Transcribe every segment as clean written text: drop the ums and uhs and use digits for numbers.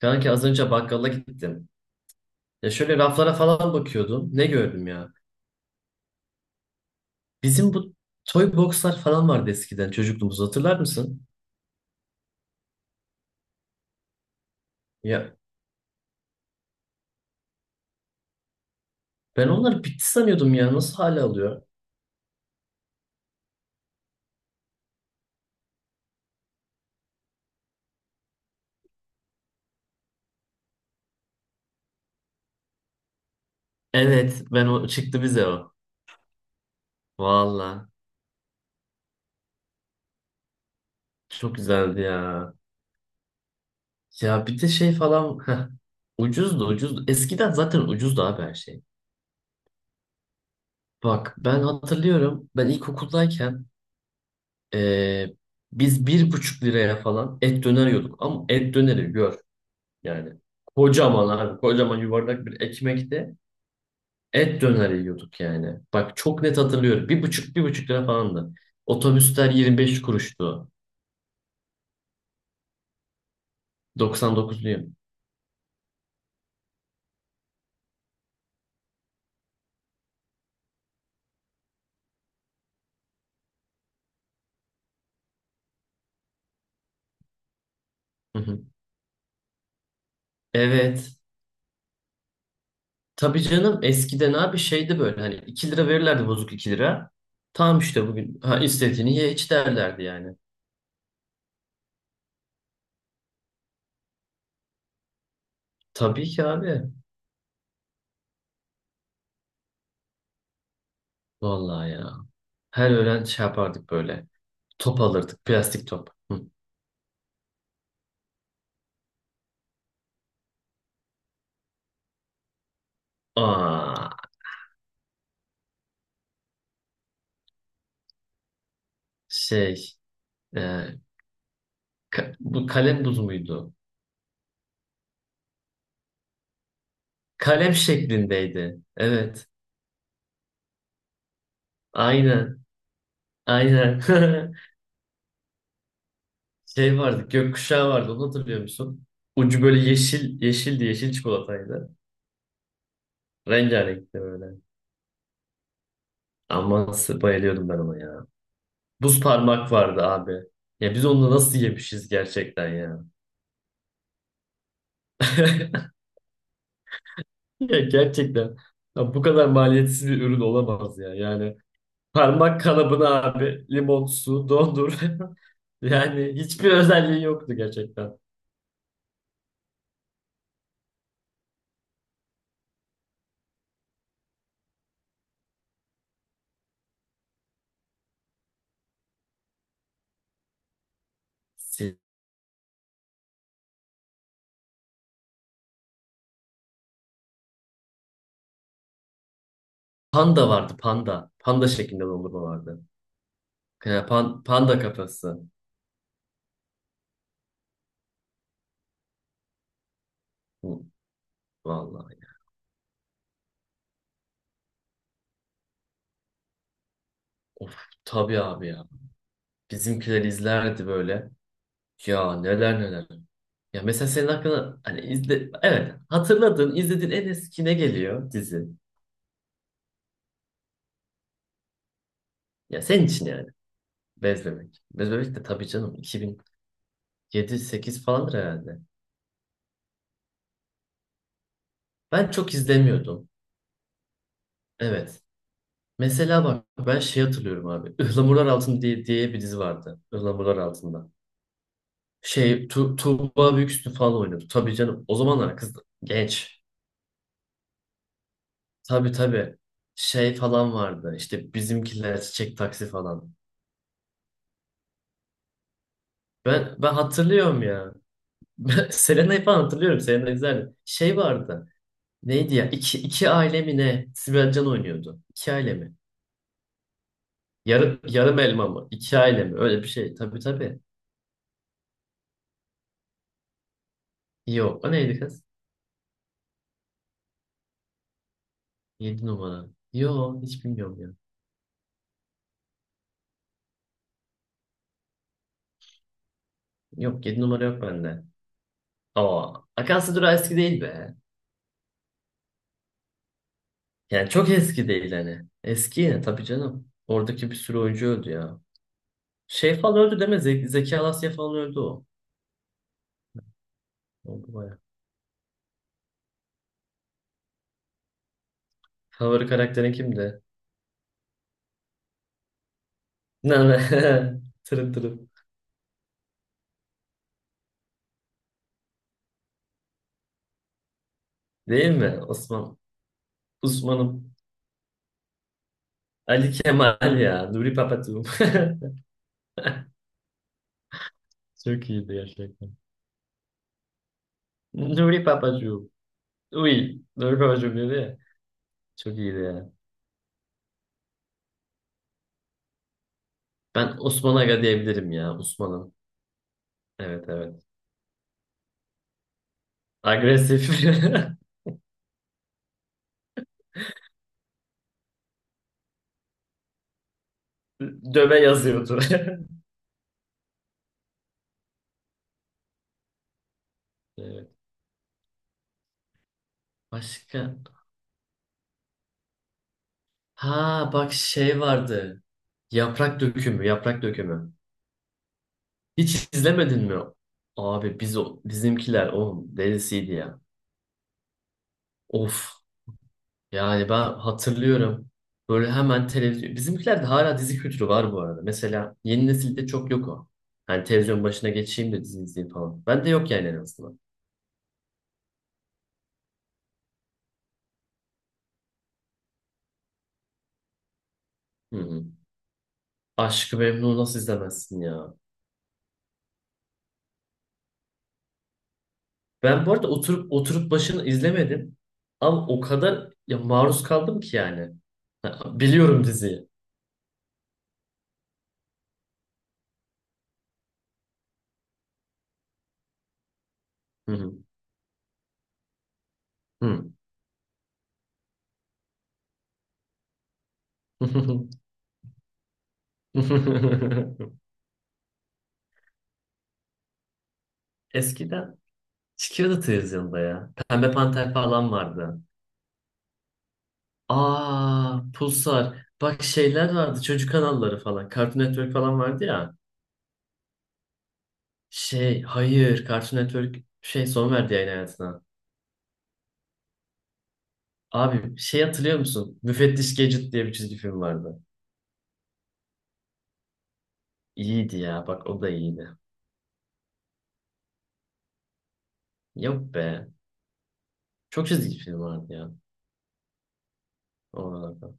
Kanki az önce bakkala gittim. Ya şöyle raflara falan bakıyordum. Ne gördüm ya? Bizim bu toy boxlar falan vardı eskiden çocukluğumuzda hatırlar mısın? Ya ben onları bitti sanıyordum ya. Nasıl hala alıyor? Evet ben o çıktı bize o. Valla çok güzeldi ya. Ya bir de şey falan ucuzdu ucuzdu. Eskiden zaten ucuzdu abi her şey. Bak ben hatırlıyorum ben ilkokuldayken ee, biz 1,5 liraya falan et döner yiyorduk. Ama et döneri gör. Yani kocaman abi kocaman yuvarlak bir ekmekte et döner yiyorduk yani. Bak çok net hatırlıyorum. 1,5 1,5 lira falandı. Otobüsler 25 kuruştu. 99'luyum. Hı hı. Evet. Tabii canım eskiden abi şeydi böyle hani 2 lira verirlerdi bozuk 2 lira. Tamam işte bugün ha istediğini ye iç derlerdi yani. Tabii ki abi. Vallahi ya. Her öğlen şey yapardık böyle. Top alırdık. Plastik top. Hı. Aa, şey. E, bu kalem buz muydu? Kalem şeklindeydi. Evet. Aynen. Aynen. Şey vardı. Gökkuşağı vardı. Onu hatırlıyor musun? Ucu böyle yeşil, yeşildi. Yeşil çikolataydı. Rengarenkti böyle. Ama bayılıyordum ben ona ya. Buz parmak vardı abi. Ya biz onu nasıl yemişiz gerçekten ya. Ya gerçekten. Ya bu kadar maliyetsiz bir ürün olamaz ya. Yani parmak kalıbını abi limon su dondur. Yani hiçbir özelliği yoktu gerçekten. Si- Panda vardı panda. Panda şeklinde dondurma vardı. Ya, panda kafası. Hı, vallahi. Of tabii abi ya. Bizimkiler izlerdi böyle. Ya neler neler. Ya mesela senin hakkında hani izle evet hatırladığın izlediğin en eski ne geliyor dizi? Ya senin için yani. Bez Bebek. Bez Bebek de tabii canım 2007-8 falandır herhalde. Ben çok izlemiyordum. Evet. Mesela bak ben şey hatırlıyorum abi. Ihlamurlar Altında diye bir dizi vardı. Ihlamurlar Altında. Şey Tuğba Büyüksün falan oynuyordu. Tabii canım. O zamanlar kız genç. Tabii tabii. Şey falan vardı. İşte bizimkiler çiçek taksi falan. Ben hatırlıyorum ya. Ben Selena'yı falan hatırlıyorum. Selena güzel. Şey vardı. Neydi ya? İki aile mi ne? Sibel Can oynuyordu. İki aile mi? Yarım elma mı? İki aile mi? Öyle bir şey. Tabii tabii. Yok. O neydi kız? 7 numara. Yo hiç bilmiyorum ya. Yok 7 numara yok bende. Ama Akansı Durağı eski değil be. Yani çok eski değil hani. Eski yine tabii canım. Oradaki bir sürü oyuncu öldü ya. Şey falan öldü deme. Zeki Alasya falan öldü o. Oldu baya. Favori karakterin kimdi? Ne ne? Tırın tırın. Değil mi? Osman. Osman'ım. Ali Kemal ya. Nuri Papacığım. Çok iyiydi gerçekten. Nuri Papacığım. Uy. Nuri Papacığım dedi ya. Çok iyiydi ya. Ben Osman Aga diyebilirim ya. Osman'ım. Evet evet. Agresif. Döve yazıyordu. Evet. Başka? Ha bak şey vardı. Yaprak dökümü, yaprak dökümü. Hiç izlemedin mi? Abi biz o bizimkiler o delisiydi ya. Of. Yani ben hatırlıyorum. Böyle hemen televizyon. Bizimkilerde hala dizi kültürü var bu arada. Mesela yeni nesilde çok yok o. Hani televizyon başına geçeyim de dizi izleyeyim falan. Ben de yok yani en azından. Hı hı. Aşkı Memnu nasıl izlemezsin ya? Ben bu arada oturup oturup başını izlemedim. Ama o kadar ya maruz kaldım ki yani. Ha, biliyorum diziyi. Hı hı. Hı. Eskiden çıkıyordu televizyonda ya. Pembe Panter falan vardı. Aa, Pulsar. Bak şeyler vardı. Çocuk kanalları falan. Cartoon Network falan vardı ya. Şey, hayır. Cartoon Network şey son verdi yayın hayatına. Abi şey hatırlıyor musun? Müfettiş Gadget diye bir çizgi film vardı. İyiydi ya. Bak o da iyiydi. Yok be. Çok çizgi film vardı ya. Oralarda.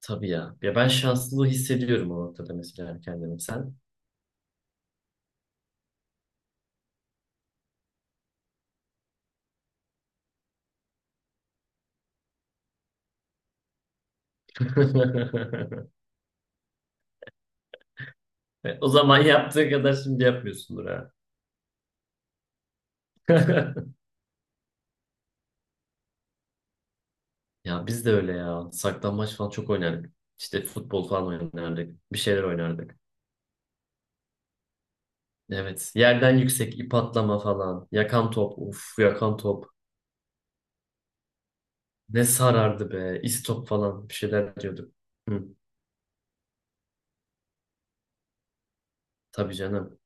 Tabii ya. Ya ben şanslılığı hissediyorum o noktada mesela kendimi. Sen? E, o zaman yaptığı kadar şimdi yapmıyorsundur ha. Ya biz de öyle ya. Saklambaç falan çok oynardık. İşte futbol falan oynardık. Bir şeyler oynardık. Evet. Yerden yüksek ip atlama falan. Yakan top. Uf yakan top. Ne sarardı be. İstop falan bir şeyler diyorduk. Hı, tabii canım.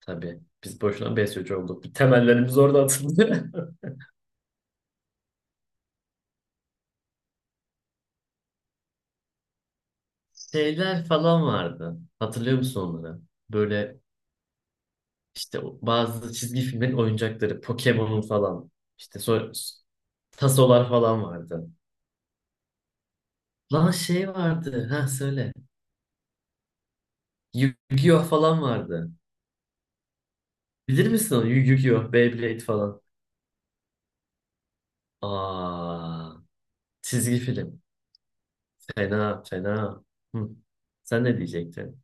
Tabii. Biz boşuna besyocu olduk. Bir temellerimiz orada atıldı. Şeyler falan vardı. Hatırlıyor musun onları? Böyle işte bazı çizgi filmlerin oyuncakları. Pokemon'un falan. İşte tasolar falan vardı. Lan şey vardı. Ha söyle. Yu-Gi-Oh falan vardı. Bilir misin onu? Yu-Gi-Oh, Beyblade falan. Aa, çizgi film. Fena, fena. Hı. Sen ne diyecektin?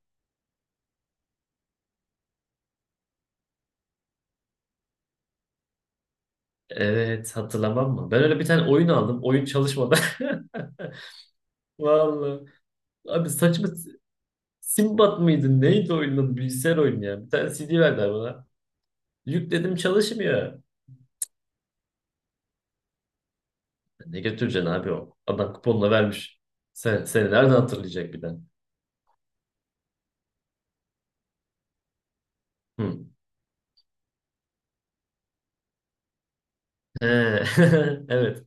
Evet hatırlamam mı? Ben öyle bir tane oyun aldım. Oyun çalışmadan. Vallahi. Abi saçma Simbat mıydı? Neydi oyunun adı? Bilgisayar oyunu ya. Bir tane CD verdiler bana. Yükledim çalışmıyor. Ne götüreceksin abi o? Adam kuponla vermiş. Sen, seni nereden hatırlayacak bir de? Hı. He. Evet.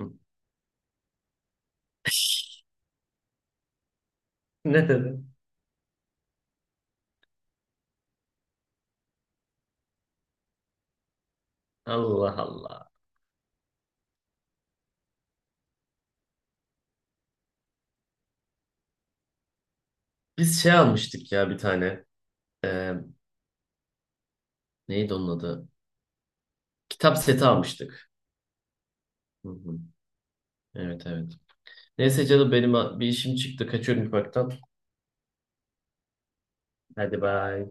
Hı. Ne dedi? Allah Allah. Biz şey almıştık ya bir tane. Ee, neydi onun adı? Kitap seti almıştık. Hı hı. Evet evet. Neyse canım benim bir işim çıktı. Kaçıyorum ufaktan. Hadi bay.